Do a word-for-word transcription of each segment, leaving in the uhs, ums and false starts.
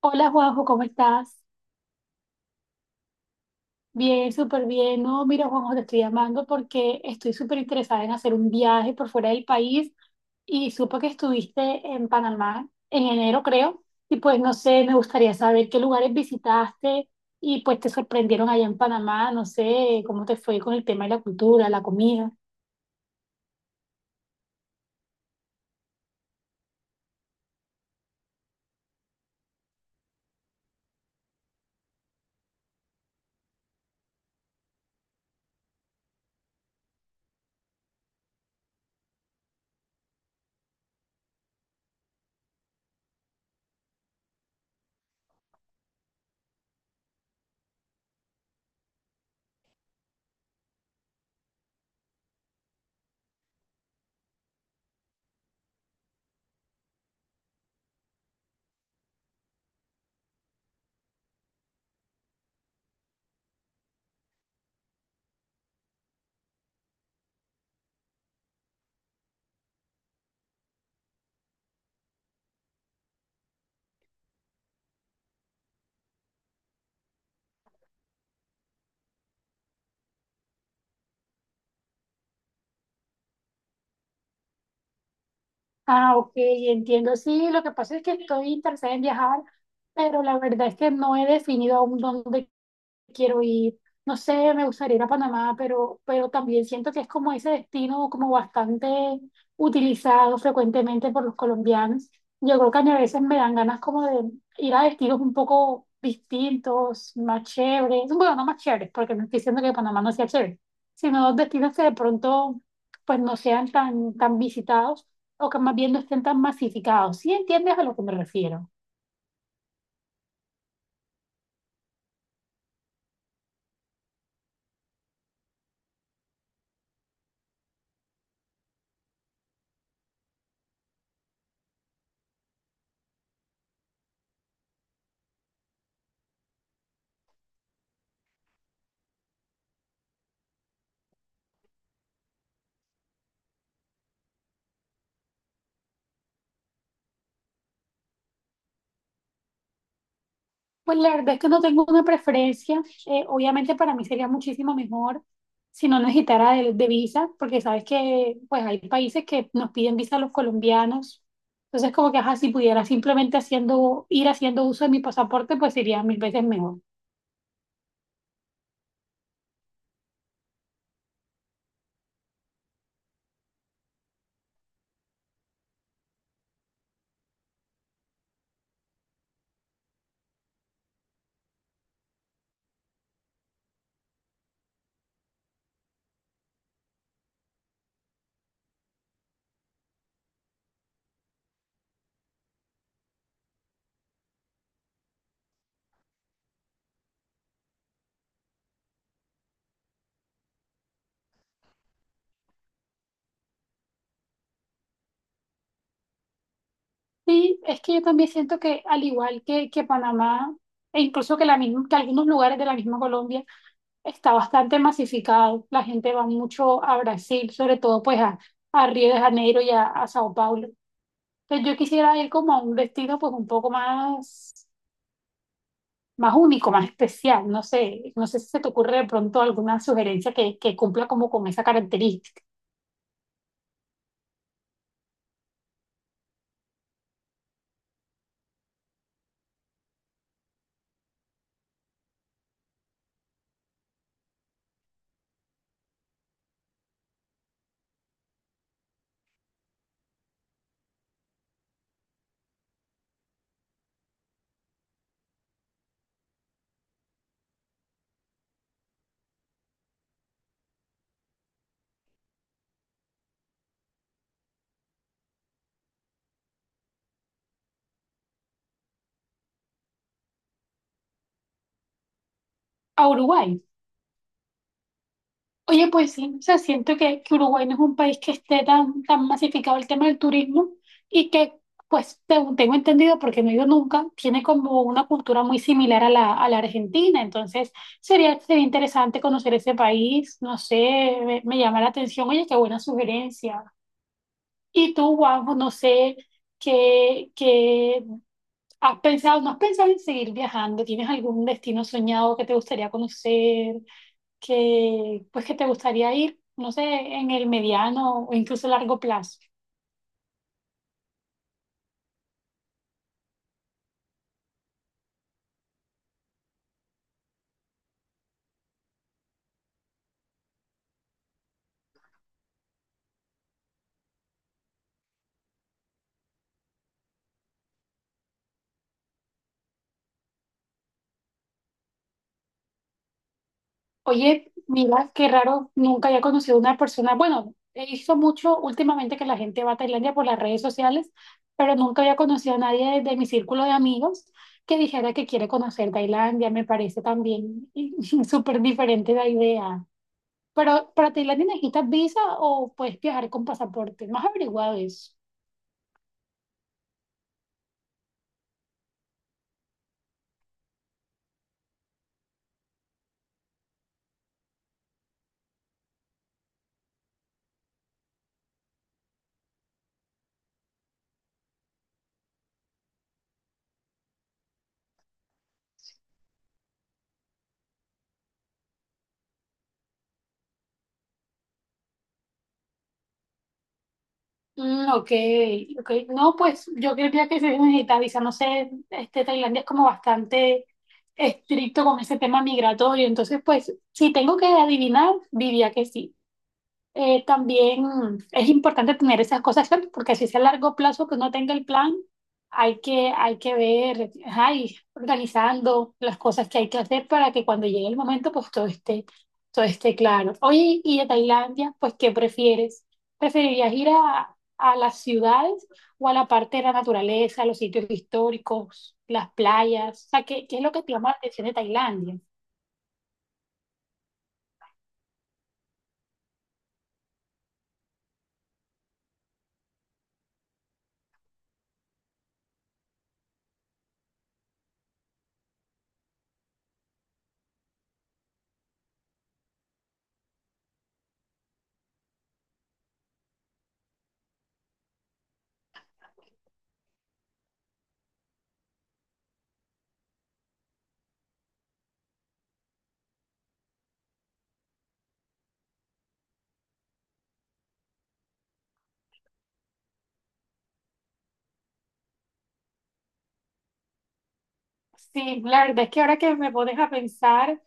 Hola Juanjo, ¿cómo estás? Bien, súper bien. No, mira Juanjo, te estoy llamando porque estoy súper interesada en hacer un viaje por fuera del país y supe que estuviste en Panamá en enero, creo. Y pues no sé, me gustaría saber qué lugares visitaste y pues te sorprendieron allá en Panamá. No sé cómo te fue con el tema de la cultura, la comida. Ah, ok, entiendo. Sí, lo que pasa es que estoy interesada en viajar, pero la verdad es que no he definido aún dónde quiero ir, no sé, me gustaría ir a Panamá, pero, pero también siento que es como ese destino como bastante utilizado frecuentemente por los colombianos. Yo creo que a mí a veces me dan ganas como de ir a destinos un poco distintos, más chéveres, bueno, no más chéveres, porque no estoy diciendo que Panamá no sea chévere, sino destinos que de pronto pues no sean tan, tan visitados o que más bien no estén tan masificados. ¿Sí entiendes a lo que me refiero? Pues la verdad es que no tengo una preferencia. Eh, obviamente para mí sería muchísimo mejor si no necesitara de, de visa, porque sabes que pues hay países que nos piden visa a los colombianos. Entonces como que ajá, si pudiera simplemente haciendo, ir haciendo uso de mi pasaporte, pues sería mil veces mejor. Sí, es que yo también siento que al igual que, que Panamá, e incluso que, la misma, que algunos lugares de la misma Colombia, está bastante masificado. La gente va mucho a Brasil, sobre todo pues a, a Río de Janeiro y a, a Sao Paulo. Pues yo quisiera ir como a un destino pues un poco más, más único, más especial. No sé, no sé si se te ocurre de pronto alguna sugerencia que, que cumpla como con esa característica. A Uruguay. Oye, pues sí, o sea, siento que, que Uruguay no es un país que esté tan, tan masificado el tema del turismo y que, pues, según tengo entendido, porque no he ido nunca, tiene como una cultura muy similar a la, a la Argentina. Entonces, sería, sería interesante conocer ese país. No sé, me, me llama la atención. Oye, qué buena sugerencia. Y tú, Juanjo, no sé qué, qué has pensado, ¿no has pensado en seguir viajando? ¿Tienes algún destino soñado que te gustaría conocer, que pues que te gustaría ir, no sé, en el mediano o incluso largo plazo? Oye, mira, qué raro, nunca había conocido a una persona. Bueno, he visto mucho últimamente que la gente va a Tailandia por las redes sociales, pero nunca había conocido a nadie de, de mi círculo de amigos que dijera que quiere conocer Tailandia. Me parece también súper diferente la idea. Pero, ¿para Tailandia necesitas visa o puedes viajar con pasaporte? ¿No has averiguado eso? Mm, ok, ok. No, pues yo creía que se digitaliza, no sé, este Tailandia es como bastante estricto con ese tema migratorio, entonces pues si tengo que adivinar, diría que sí, eh, también es importante tener esas cosas claras, porque si es a largo plazo que uno tenga el plan, hay que, hay que ver, ajá, y organizando las cosas que hay que hacer para que cuando llegue el momento, pues todo esté, todo esté claro. Oye, y de Tailandia, pues, ¿qué prefieres? ¿Preferirías ir a, a las ciudades o a la parte de la naturaleza, los sitios históricos, las playas? O sea, ¿qué, qué es lo que te llama la atención de Tailandia? Sí, la verdad es que ahora que me pones a pensar,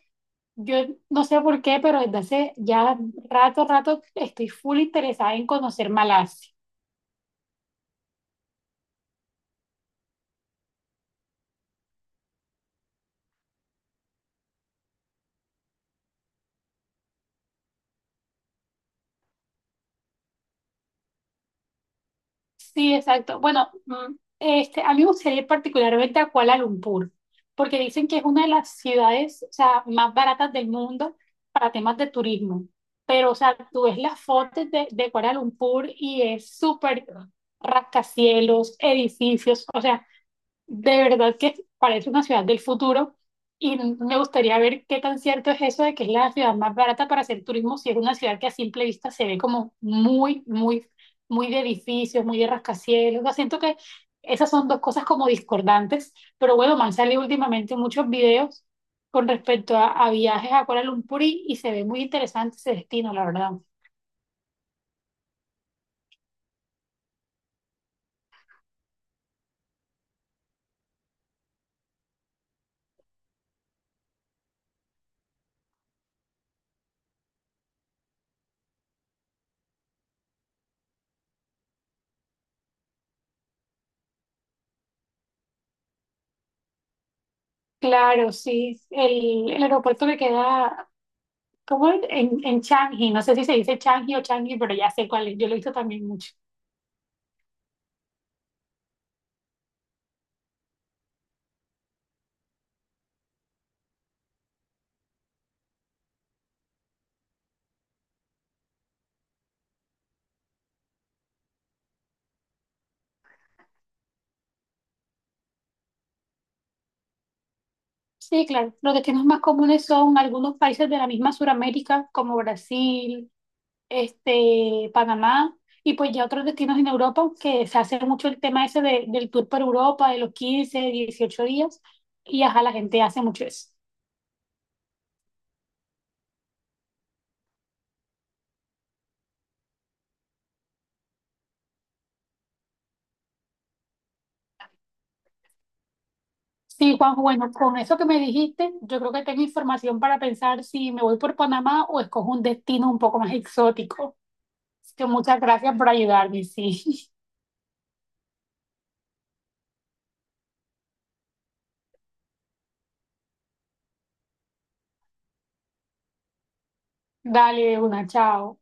yo no sé por qué, pero desde hace ya rato, rato estoy full interesada en conocer Malasia. Sí, exacto. Bueno, mm, este, a mí me gustaría ir particularmente a Kuala Lumpur, porque dicen que es una de las ciudades, o sea, más baratas del mundo para temas de turismo. Pero, o sea, tú ves las fotos de, de Kuala Lumpur y es súper rascacielos, edificios, o sea, de verdad que parece una ciudad del futuro y me gustaría ver qué tan cierto es eso de que es la ciudad más barata para hacer turismo, si es una ciudad que a simple vista se ve como muy, muy, muy de edificios, muy de rascacielos. O sea, siento que esas son dos cosas como discordantes, pero bueno, me han salido últimamente muchos videos con respecto a, a viajes a Kuala Lumpur y, y se ve muy interesante ese destino, la verdad. Claro, sí, el, el aeropuerto que queda ¿cómo en, en, en Changi? No sé si se dice Changi o Changi, pero ya sé cuál es. Yo lo he visto también mucho. Sí, claro. Los destinos más comunes son algunos países de la misma Suramérica, como Brasil, este, Panamá, y pues ya otros destinos en Europa, que se hace mucho el tema ese de- del tour por Europa, de los quince, dieciocho días, y ajá, la gente hace mucho eso. Sí, Juanjo, bueno, con eso que me dijiste, yo creo que tengo información para pensar si me voy por Panamá o escojo un destino un poco más exótico. Es que muchas gracias por ayudarme, sí. Dale de una, chao.